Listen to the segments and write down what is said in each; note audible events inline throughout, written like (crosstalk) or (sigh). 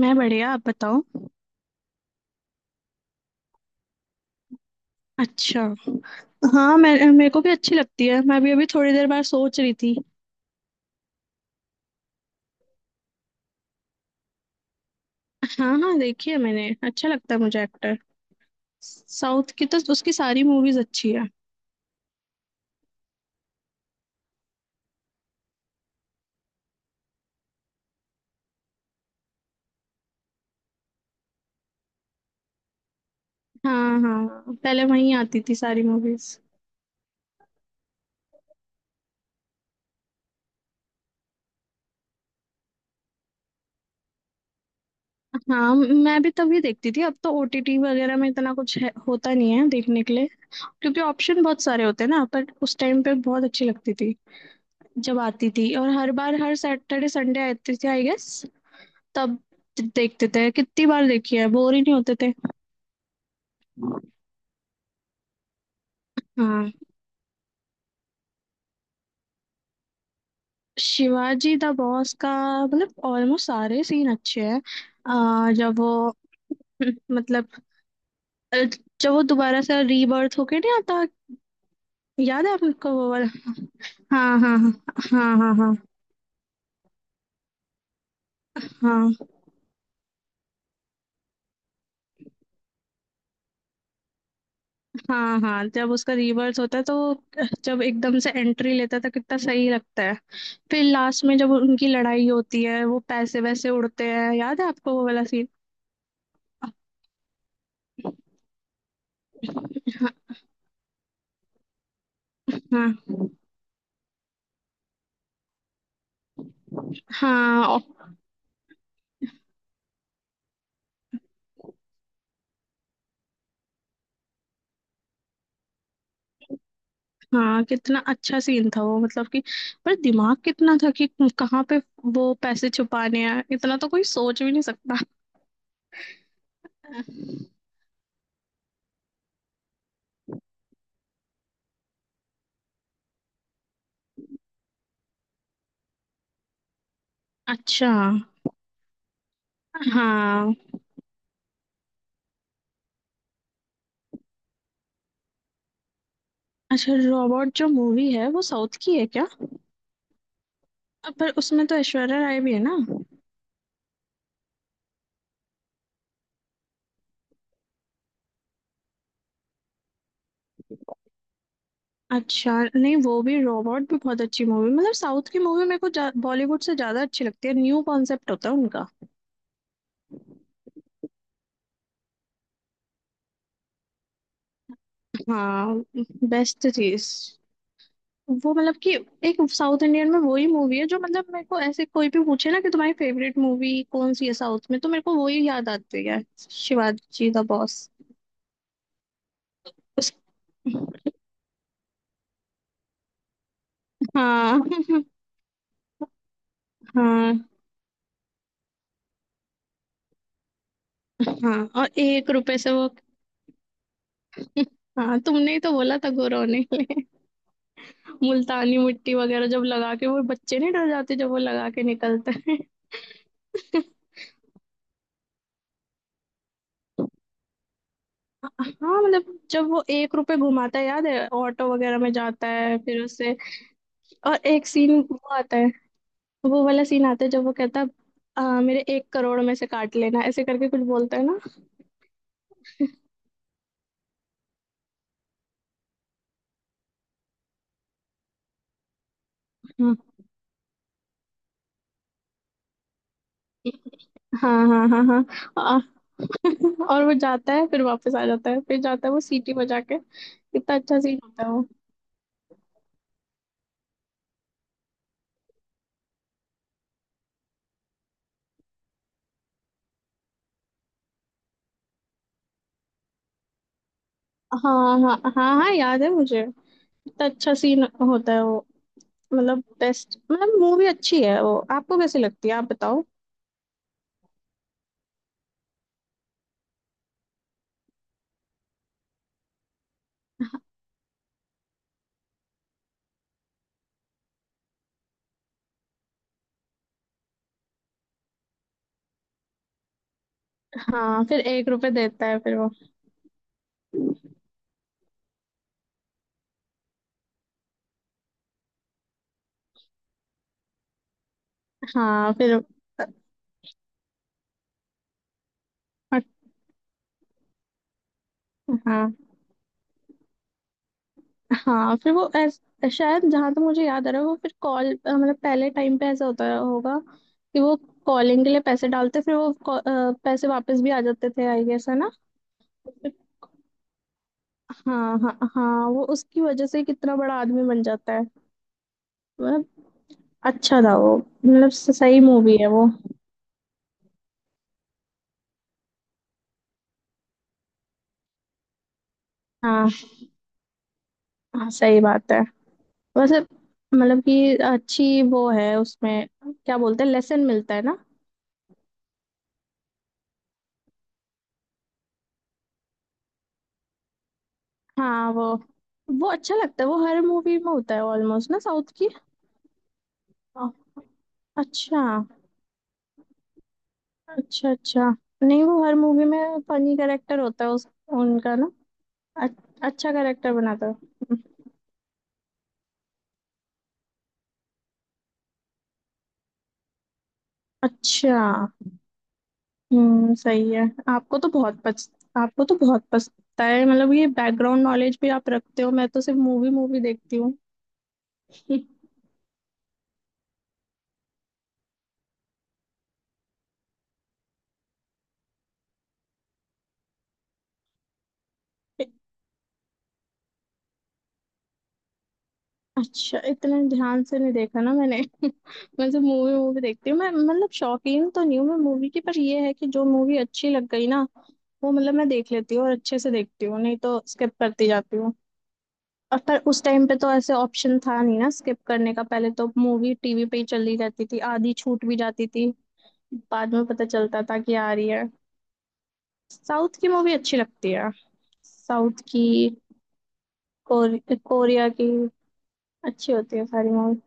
मैं बढ़िया। आप बताओ। अच्छा। हाँ, मैं, मेरे को भी अच्छी लगती है। मैं भी अभी थोड़ी देर बाद सोच रही थी। हाँ हाँ, देखी है मैंने। अच्छा लगता है मुझे एक्टर। साउथ की तो उसकी सारी मूवीज अच्छी है। हाँ हाँ, पहले वहीं आती थी सारी मूवीज। हाँ, मैं भी तभी देखती थी। अब तो ओटीटी वगैरह में इतना कुछ है, होता नहीं है देखने के लिए। क्योंकि ऑप्शन बहुत सारे होते हैं ना, पर उस टाइम पे बहुत अच्छी लगती थी। जब आती थी, और हर बार हर सैटरडे संडे आती थी आई गेस। तब देखते थे, कितनी बार देखी है, बोर ही नहीं होते थे। हाँ। शिवाजी द बॉस का मतलब ऑलमोस्ट सारे सीन अच्छे हैं। जब वो (laughs) मतलब अ, जब वो दोबारा से रीबर्थ होके नहीं आता। याद है आपको वो वाला? हाँ हाँ। हाँ हाँ हाँ हाँ। हाँ हाँ हाँ, जब उसका रीबर्थ होता है तो वो, जब एकदम से एंट्री लेता था, कितना सही लगता है। फिर लास्ट में जब उनकी लड़ाई होती है, वो पैसे वैसे उड़ते हैं, याद है आपको वो वाला सीन? हाँ हाँ हाँ हाँ, कितना अच्छा सीन था वो। मतलब कि, पर दिमाग कितना था कि कहाँ पे वो पैसे छुपाने हैं, इतना तो कोई सोच भी नहीं सकता। अच्छा। हाँ। अच्छा, रोबोट जो मूवी है वो साउथ की है क्या? पर उसमें तो ऐश्वर्या राय भी है ना। अच्छा, नहीं, वो भी, रोबोट भी बहुत अच्छी मूवी। मतलब साउथ की मूवी मेरे को बॉलीवुड से ज्यादा अच्छी लगती है। न्यू कॉन्सेप्ट होता है उनका। हाँ। बेस्ट चीज वो, मतलब कि एक साउथ इंडियन में वही मूवी है जो, मतलब मेरे को ऐसे कोई भी पूछे ना कि तुम्हारी फेवरेट मूवी कौन सी है साउथ में, तो मेरे को वही याद आती है। Shivaji the boss. उस, हाँ (laughs) हाँ हाँ, और एक रुपए से वो, हाँ तुमने ही तो बोला था गोरो ने (laughs) मुल्तानी मिट्टी वगैरह जब लगा के, वो बच्चे नहीं डर जाते जब वो लगा के निकलते हैं। (laughs) हाँ, मतलब जब वो एक रुपए घुमाता है याद है, ऑटो वगैरह में जाता है फिर उसे, और एक सीन वो आता है, तो वो वाला सीन आता है जब वो कहता है, "आ, मेरे एक करोड़ में से काट लेना", ऐसे करके कुछ बोलता है ना। हाँ हाँ हाँ हाँ हाँ। आ, (laughs) और वो जाता है, फिर वापस आ जाता है, फिर जाता है वो सीटी बजा के, कितना अच्छा सीन होता है वो। हाँ हाँ हाँ हाँ, याद है मुझे। कितना अच्छा सीन होता है वो। मतलब बेस्ट। मतलब मूवी अच्छी है वो, आपको कैसी लगती है, आप बताओ। हाँ, फिर एक रुपए देता है फिर वो, हाँ फिर, हाँ हाँ, फिर वो शायद जहां तक मुझे याद आ रहा है, वो फिर कॉल मतलब पहले टाइम पे ऐसा होता होगा कि वो कॉलिंग के लिए पैसे डालते, फिर वो पैसे वापस भी आ जाते थे आई गेस, है ना? हाँ हाँ हाँ, वो उसकी वजह से कितना बड़ा आदमी बन जाता है। मतलब, अच्छा था वो। मतलब सही मूवी है वो। हाँ हाँ, सही बात है। वैसे मतलब कि अच्छी वो है। उसमें क्या बोलते हैं, लेसन मिलता है ना। हाँ वो अच्छा लगता है, वो हर मूवी में होता है ऑलमोस्ट ना, साउथ की। अच्छा अच्छा। अच्छा, नहीं, वो हर मूवी में फनी करेक्टर होता है उस, उनका ना। अ- अच्छा करेक्टर बनाता है। हम्म। अच्छा। हम्म, सही है। आपको तो बहुत पच आपको तो बहुत पछता है, मतलब ये बैकग्राउंड नॉलेज भी आप रखते हो। मैं तो सिर्फ मूवी मूवी देखती हूँ। (laughs) अच्छा, इतना ध्यान से नहीं देखा ना मैंने। (laughs) मैं तो मूवी मूवी देखती हूँ मैं। मतलब शौकीन तो नहीं हूँ मैं मूवी की, पर ये है कि जो मूवी अच्छी लग गई ना, वो मतलब मैं देख लेती हूँ और अच्छे से देखती हूँ, नहीं तो स्किप करती जाती हूँ। और पर उस टाइम पे तो ऐसे ऑप्शन था नहीं ना स्किप करने का, पहले तो मूवी टीवी पे ही चली जाती थी, आधी छूट भी जाती थी। बाद में पता चलता था कि आ रही है। साउथ की मूवी अच्छी लगती है। साउथ की, कोर, कोरिया की। अच्छी होती है सारी मूवी।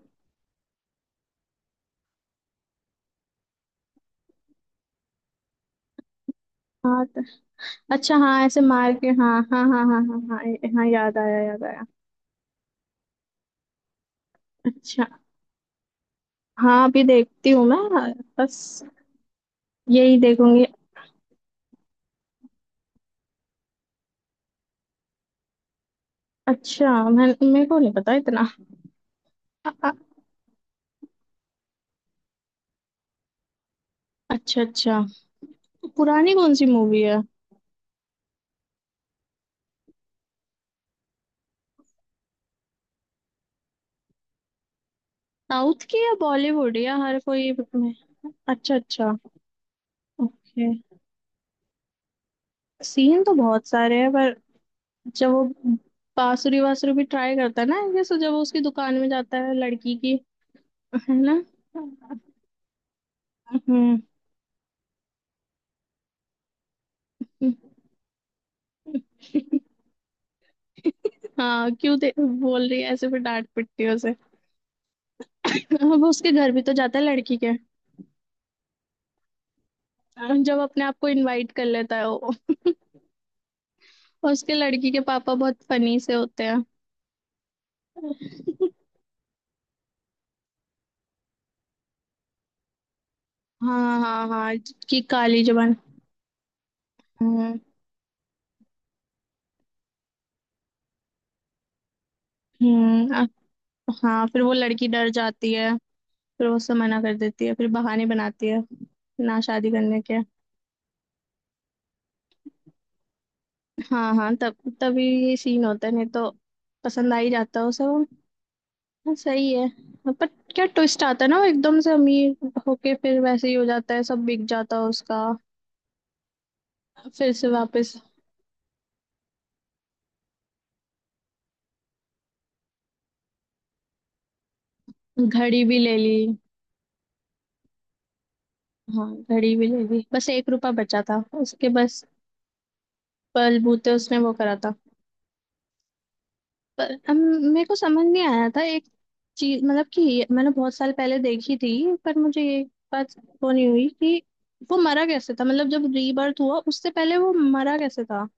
हाँ तो, अच्छा, हाँ, ऐसे मार के, हाँ हाँ हाँ हाँ हाँ हाँ, हाँ, याद आया याद आया। अच्छा। हाँ, अभी देखती हूँ मैं। बस यही देखूंगी। अच्छा, मैं, मेरे को नहीं पता इतना। अ- अ- अच्छा अच्छा। पुरानी कौन सी मूवी है? साउथ की या बॉलीवुड, या हर कोई में? अच्छा अच्छा। ओके, सीन तो बहुत सारे हैं, पर जब वो बांसुरी वासुरी भी ट्राई करता है ना ये, सो जब वो उसकी दुकान में जाता है लड़की की, है ना। हम्म। हम्म। हम्म। हाँ, क्यों दे बोल रही है ऐसे, फिर डांट पिटती है उसे। अब उसके घर भी तो जाता है लड़की के, जब अपने आप को इनवाइट कर लेता है वो। और उसके लड़की के पापा बहुत फनी से होते हैं। हाँ हाँ हाँ, कि काली जबान। हम्म। हम्म, अ- हाँ, फिर वो लड़की डर जाती है, फिर वो उससे मना कर देती है, फिर बहाने बनाती है ना शादी करने के। हाँ हाँ, तब, तभी ये सीन होता है, नहीं तो पसंद आ ही जाता है उसे वो। हाँ सही है। हाँ, पर क्या ट्विस्ट आता है ना, वो एकदम से अमीर होके फिर वैसे ही हो जाता है, सब बिक जाता है उसका। फिर से वापस, घड़ी भी ले ली। हाँ घड़ी भी ले ली, बस एक रुपया बचा था उसके, बस बलबूते उसने वो करा था। पर अब मेरे को समझ नहीं आया था एक चीज, मतलब कि मैंने बहुत साल पहले देखी थी, पर मुझे ये बात वो नहीं हुई कि वो मरा कैसे था, मतलब जब रीबर्थ हुआ उससे पहले वो मरा कैसे था।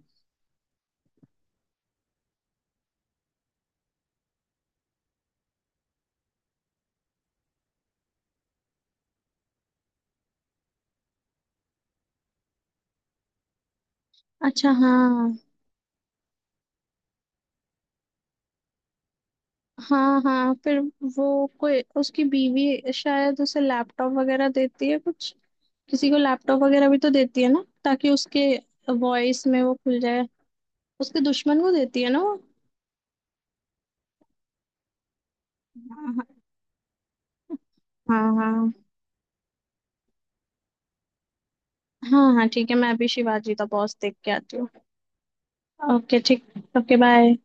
अच्छा। हाँ हाँ हाँ, फिर वो, कोई उसकी बीवी शायद उसे लैपटॉप वगैरह देती है कुछ, किसी को लैपटॉप वगैरह भी तो देती है ना ताकि उसके वॉइस में वो खुल जाए। उसके दुश्मन को देती है ना वो। हाँ हाँ हाँ हाँ। हाँ, ठीक है, मैं अभी शिवाजी द बॉस देख के आती हूँ। ओके ठीक। Okay, bye.